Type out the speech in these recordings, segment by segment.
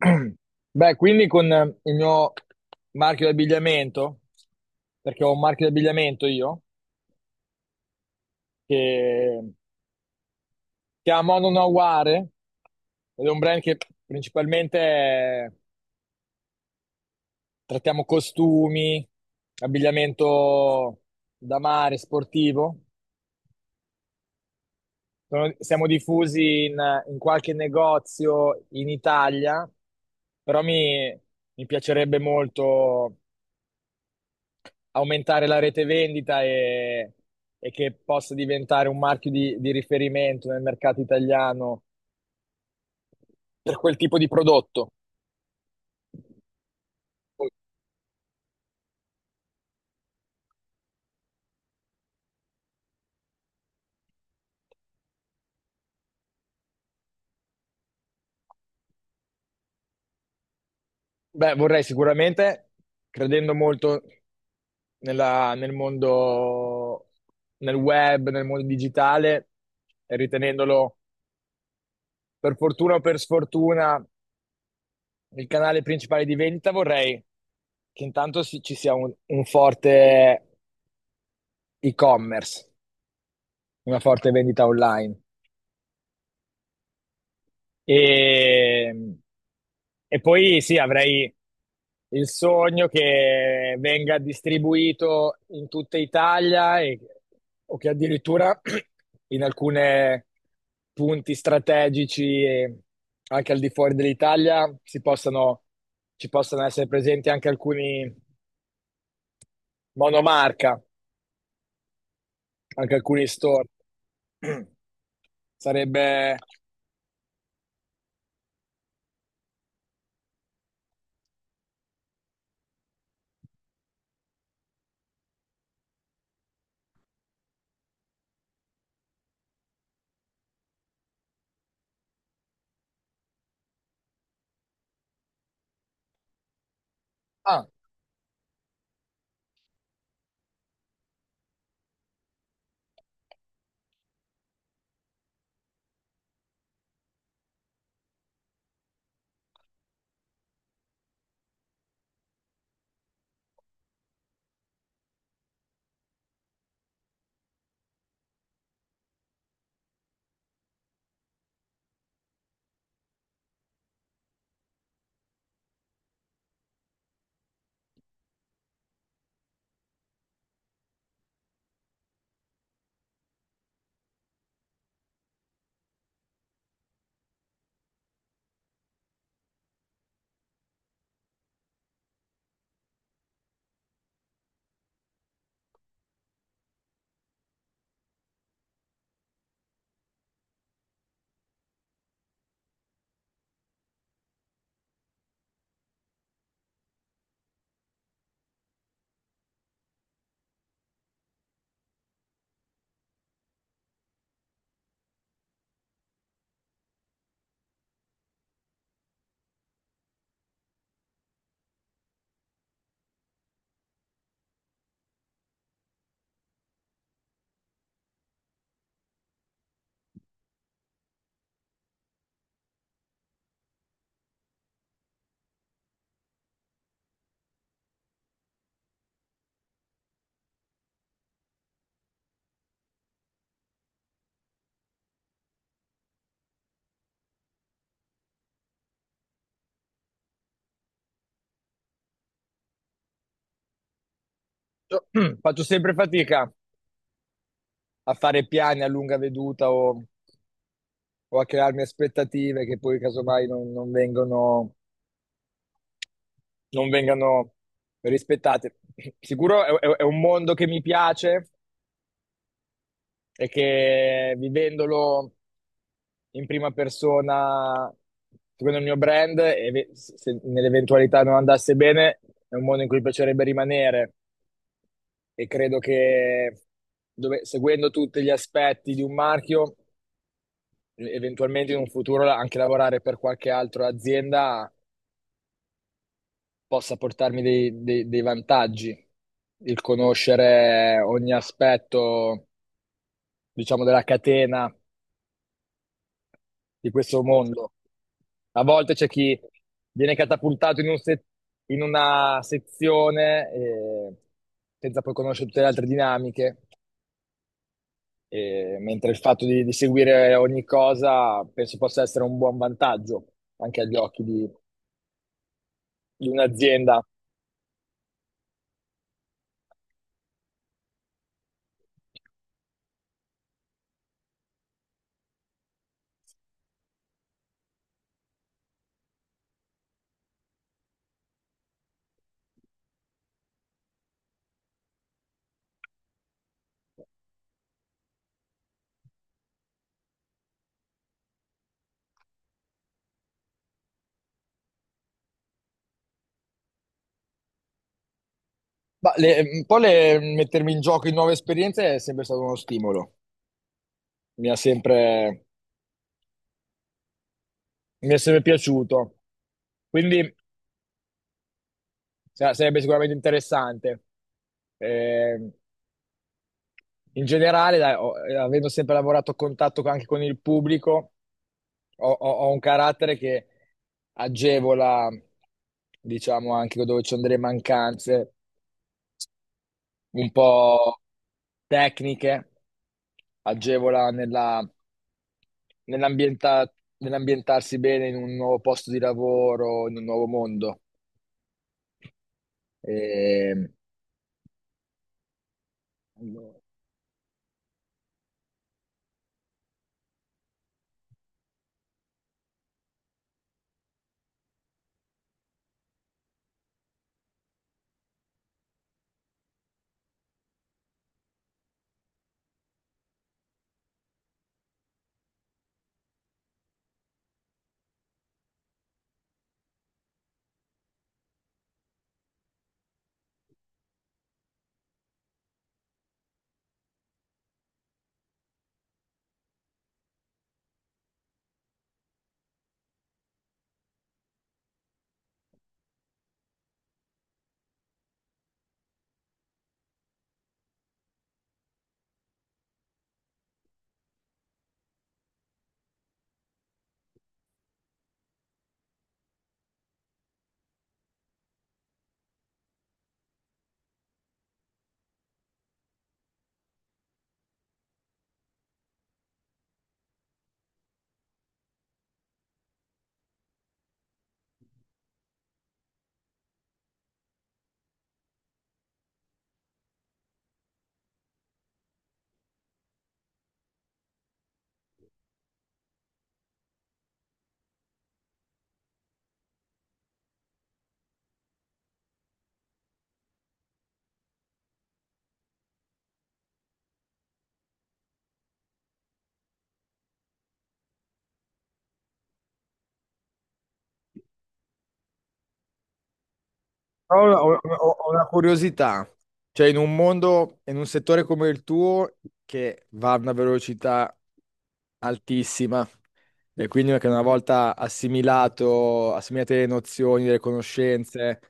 Beh, quindi con il mio marchio di abbigliamento, perché ho un marchio di abbigliamento io, che si chiama Mono Naware, ed è un brand che principalmente trattiamo costumi, abbigliamento da mare, sportivo. Siamo diffusi in qualche negozio in Italia, però mi mi piacerebbe molto aumentare la rete vendita e che possa diventare un marchio di riferimento nel mercato italiano per quel tipo di prodotto. Beh, vorrei sicuramente, credendo molto nel mondo, nel web, nel mondo digitale, e ritenendolo per fortuna o per sfortuna il canale principale di vendita, vorrei che intanto ci sia un forte e-commerce, una forte vendita online. E, e poi sì, avrei il sogno che venga distribuito in tutta Italia o che addirittura in alcuni punti strategici e anche al di fuori dell'Italia si possano, ci possano essere presenti anche alcuni monomarca, anche alcuni store. Sarebbe... Ah, faccio sempre fatica a fare piani a lunga veduta o a crearmi aspettative che poi casomai non vengono, non vengano rispettate. Sicuro è è un mondo che mi piace e che vivendolo in prima persona, secondo il mio brand, e se nell'eventualità non andasse bene, è un mondo in cui piacerebbe rimanere e credo che seguendo tutti gli aspetti di un marchio, eventualmente in un futuro anche lavorare per qualche altra azienda possa portarmi dei dei vantaggi, il conoscere ogni aspetto, diciamo, della catena di questo mondo. A volte c'è chi viene catapultato in un se- in una sezione, senza poi conoscere tutte le altre dinamiche, mentre il fatto di seguire ogni cosa penso possa essere un buon vantaggio anche agli occhi di un'azienda. Un po' mettermi in gioco in nuove esperienze è sempre stato uno stimolo. Mi ha sempre, mi è sempre piaciuto. Quindi sarebbe sicuramente interessante. Eh, In generale, dai, avendo sempre lavorato a contatto anche con il pubblico, ho un carattere che agevola, diciamo, anche dove ci sono delle mancanze un po' tecniche, agevola nella nell'ambienta- nell'ambientarsi bene in un nuovo posto di lavoro, in un nuovo mondo. Ehm, allora, però ho una curiosità, cioè in un mondo, in un settore come il tuo, che va a una velocità altissima, e quindi che una volta assimilato, assimilate le nozioni, le conoscenze,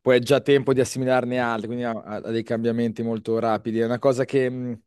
poi è già tempo di assimilarne altre, quindi ha dei cambiamenti molto rapidi. È una cosa che,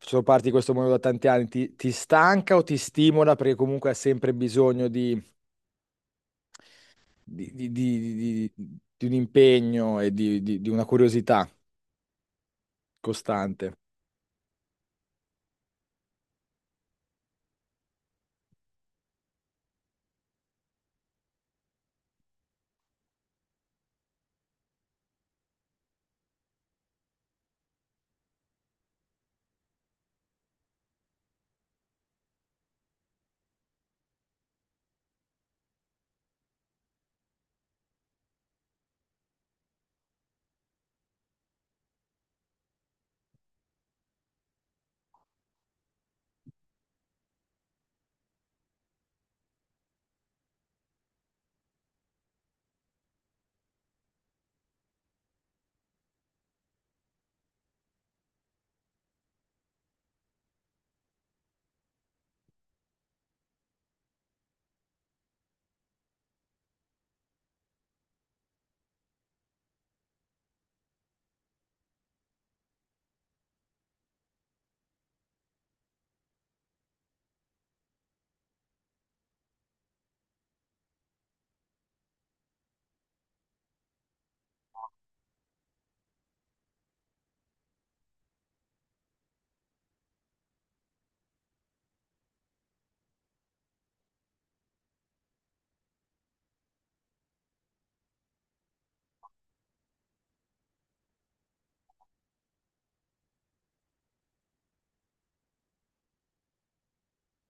sono parte di questo mondo da tanti anni, ti stanca o ti stimola perché comunque hai sempre bisogno di, di- di- di- di un impegno e di una curiosità costante.